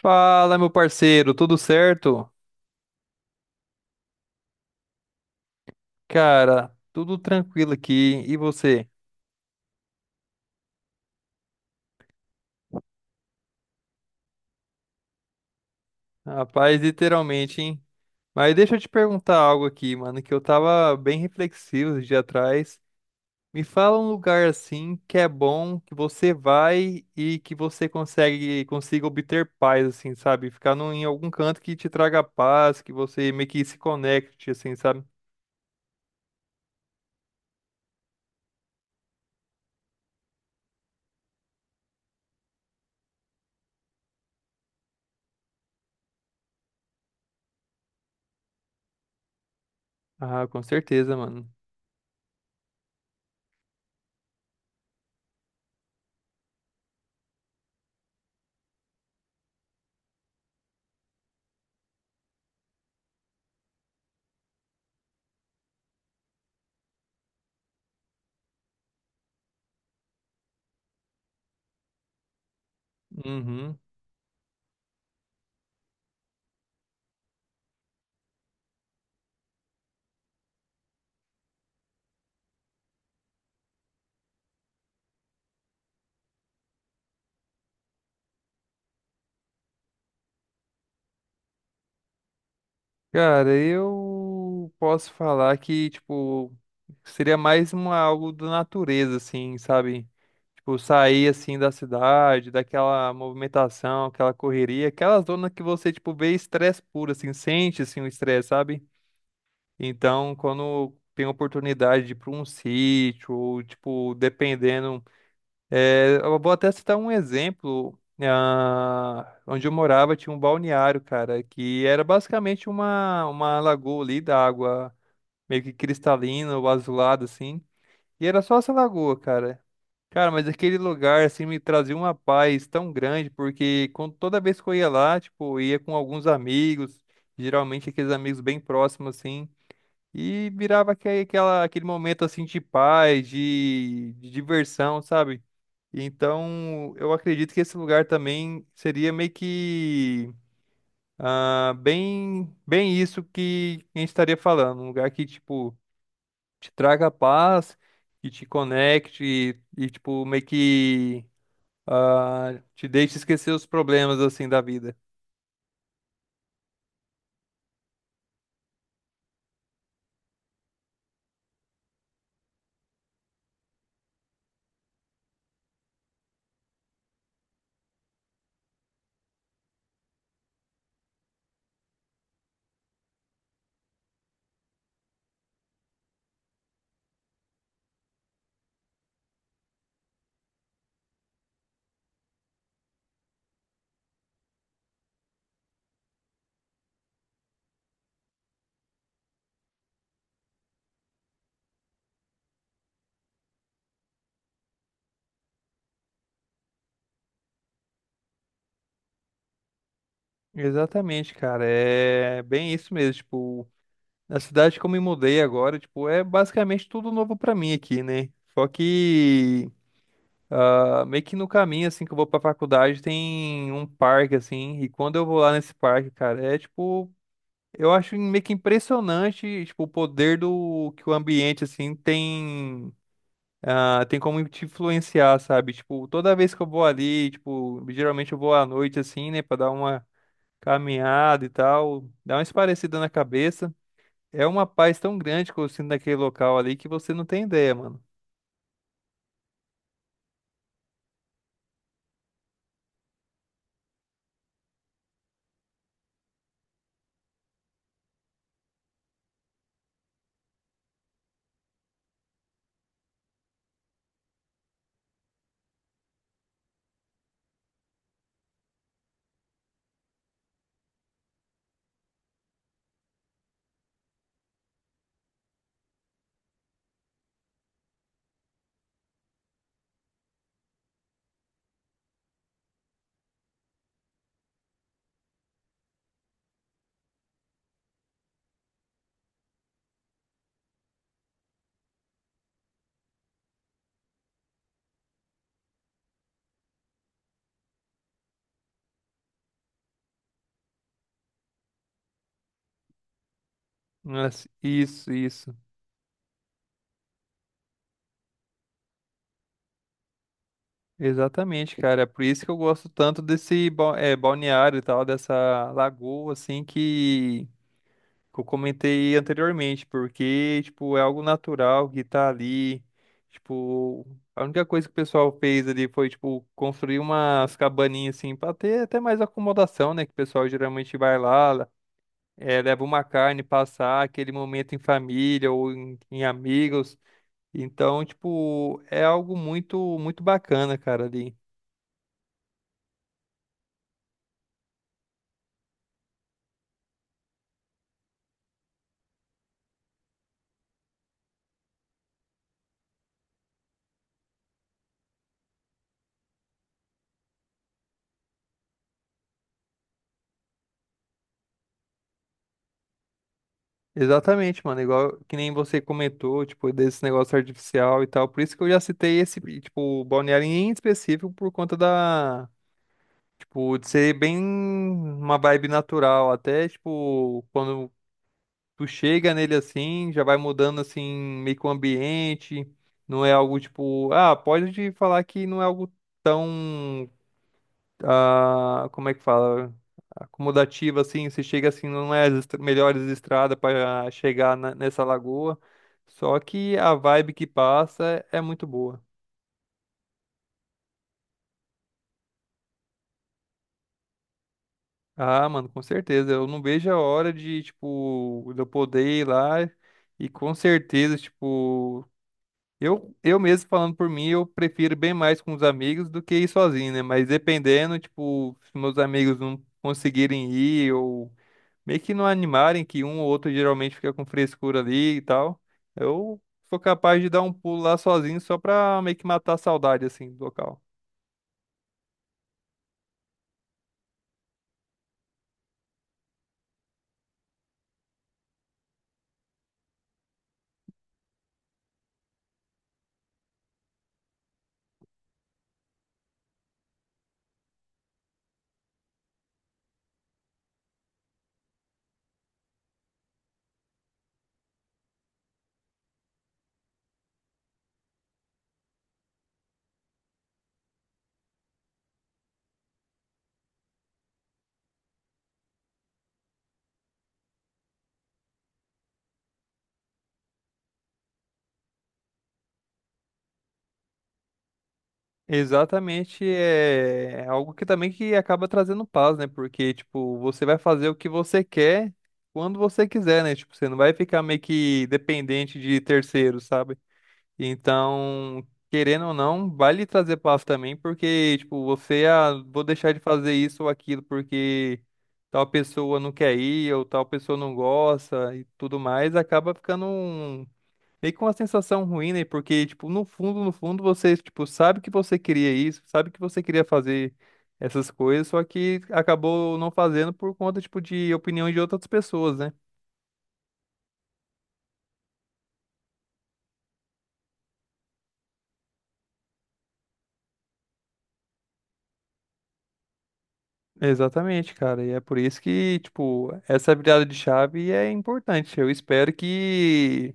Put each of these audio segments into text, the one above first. Fala, meu parceiro, tudo certo? Cara, tudo tranquilo aqui. E você? Rapaz, literalmente, hein? Mas deixa eu te perguntar algo aqui, mano, que eu tava bem reflexivo esse dia atrás. Me fala um lugar assim que é bom, que você vai e que você consegue consiga obter paz, assim, sabe? Ficar em algum canto que te traga paz, que você meio que se conecte, assim, sabe? Ah, com certeza, mano. Uhum. Cara, eu posso falar que, tipo, seria algo da natureza, assim, sabe? Tipo, sair, assim, da cidade, daquela movimentação, aquela correria, aquela zona que você, tipo, vê estresse puro, assim, sente, assim, o estresse, sabe? Então, quando tem oportunidade de ir pra um sítio, ou, tipo, dependendo é, eu vou até citar um exemplo. Ah, onde eu morava tinha um balneário, cara, que era basicamente uma lagoa ali da água meio que cristalina ou azulada, assim. E era só essa lagoa, cara. Cara, mas aquele lugar, assim, me trazia uma paz tão grande, porque toda vez que eu ia lá, tipo, eu ia com alguns amigos, geralmente aqueles amigos bem próximos, assim. E virava aquele momento assim de paz, de diversão, sabe? Então, eu acredito que esse lugar também seria meio que ah, bem isso que a gente estaria falando. Um lugar que, tipo, te traga paz, que te conecte e, tipo, meio que ah, te deixe esquecer os problemas, assim, da vida. Exatamente, cara. É bem isso mesmo. Tipo, na cidade que eu me mudei agora, tipo, é basicamente tudo novo pra mim aqui, né? Só que ah, meio que no caminho, assim, que eu vou pra faculdade, tem um parque, assim, e quando eu vou lá nesse parque, cara, é tipo, eu acho meio que impressionante, tipo, o poder do que o ambiente, assim, tem. Ah, tem como te influenciar, sabe? Tipo, toda vez que eu vou ali, tipo, geralmente eu vou à noite, assim, né, pra dar uma caminhada e tal, dá uma esparecida na cabeça. É uma paz tão grande que eu sinto naquele local ali que você não tem ideia, mano. Nossa, isso. Exatamente, cara. É por isso que eu gosto tanto balneário e tal, dessa lagoa, assim, que eu comentei anteriormente, porque, tipo, é algo natural que tá ali. Tipo, a única coisa que o pessoal fez ali foi, tipo, construir umas cabaninhas, assim, pra ter até mais acomodação, né? Que o pessoal geralmente vai lá. É, leva uma carne, passar aquele momento em família ou em amigos. Então, tipo, é algo muito, muito bacana, cara, ali. Exatamente, mano. Igual que nem você comentou, tipo, desse negócio artificial e tal. Por isso que eu já citei esse, tipo, balneário em específico por conta da, tipo, de ser bem uma vibe natural. Até, tipo, quando tu chega nele assim, já vai mudando assim, meio que o ambiente. Não é algo tipo, ah, pode te falar que não é algo tão, ah, como é que fala? Acomodativo assim, você chega assim, não é as melhores estradas para chegar nessa lagoa. Só que a vibe que passa é muito boa. Ah, mano, com certeza. Eu não vejo a hora de, tipo, de eu poder ir lá e com certeza, tipo. Eu mesmo falando por mim, eu prefiro bem mais com os amigos do que ir sozinho, né? Mas dependendo, tipo, se meus amigos não conseguirem ir ou meio que não animarem, que um ou outro geralmente fica com frescura ali e tal, eu sou capaz de dar um pulo lá sozinho só pra meio que matar a saudade, assim, do local. Exatamente, é algo que também que acaba trazendo paz, né? Porque, tipo, você vai fazer o que você quer quando você quiser, né? Tipo, você não vai ficar meio que dependente de terceiros, sabe? Então, querendo ou não, vai lhe trazer paz também, porque, tipo, você, ah, vou deixar de fazer isso ou aquilo porque tal pessoa não quer ir, ou tal pessoa não gosta e tudo mais, acaba ficando meio com uma sensação ruim, né? Porque, tipo, no fundo, no fundo, você, tipo, sabe que você queria isso, sabe que você queria fazer essas coisas, só que acabou não fazendo por conta, tipo, de opiniões de outras pessoas, né? Exatamente, cara. E é por isso que, tipo, essa virada de chave é importante. Eu espero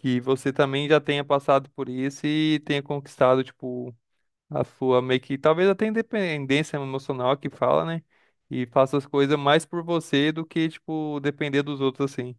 que você também já tenha passado por isso e tenha conquistado, tipo, a sua meio que talvez até independência emocional que fala, né? E faça as coisas mais por você do que, tipo, depender dos outros assim.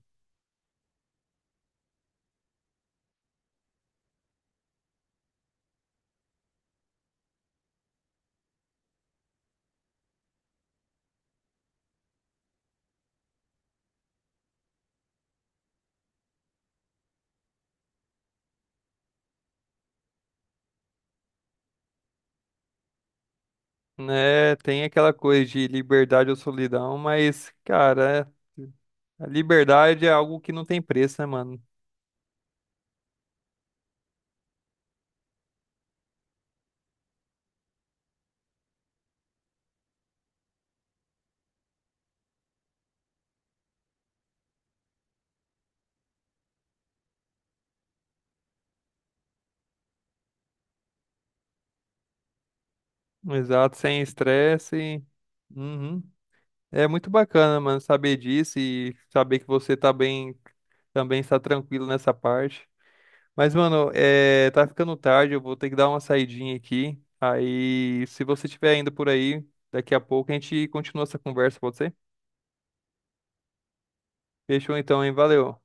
Né? Tem aquela coisa de liberdade ou solidão, mas, cara, é- a liberdade é algo que não tem preço, né, mano? Exato, sem estresse. Uhum. É muito bacana, mano, saber disso e saber que você tá bem, também está tranquilo nessa parte. Mas, mano, é, tá ficando tarde, eu vou ter que dar uma saidinha aqui. Aí, se você estiver indo por aí, daqui a pouco a gente continua essa conversa, pode ser? Fechou então, hein? Valeu.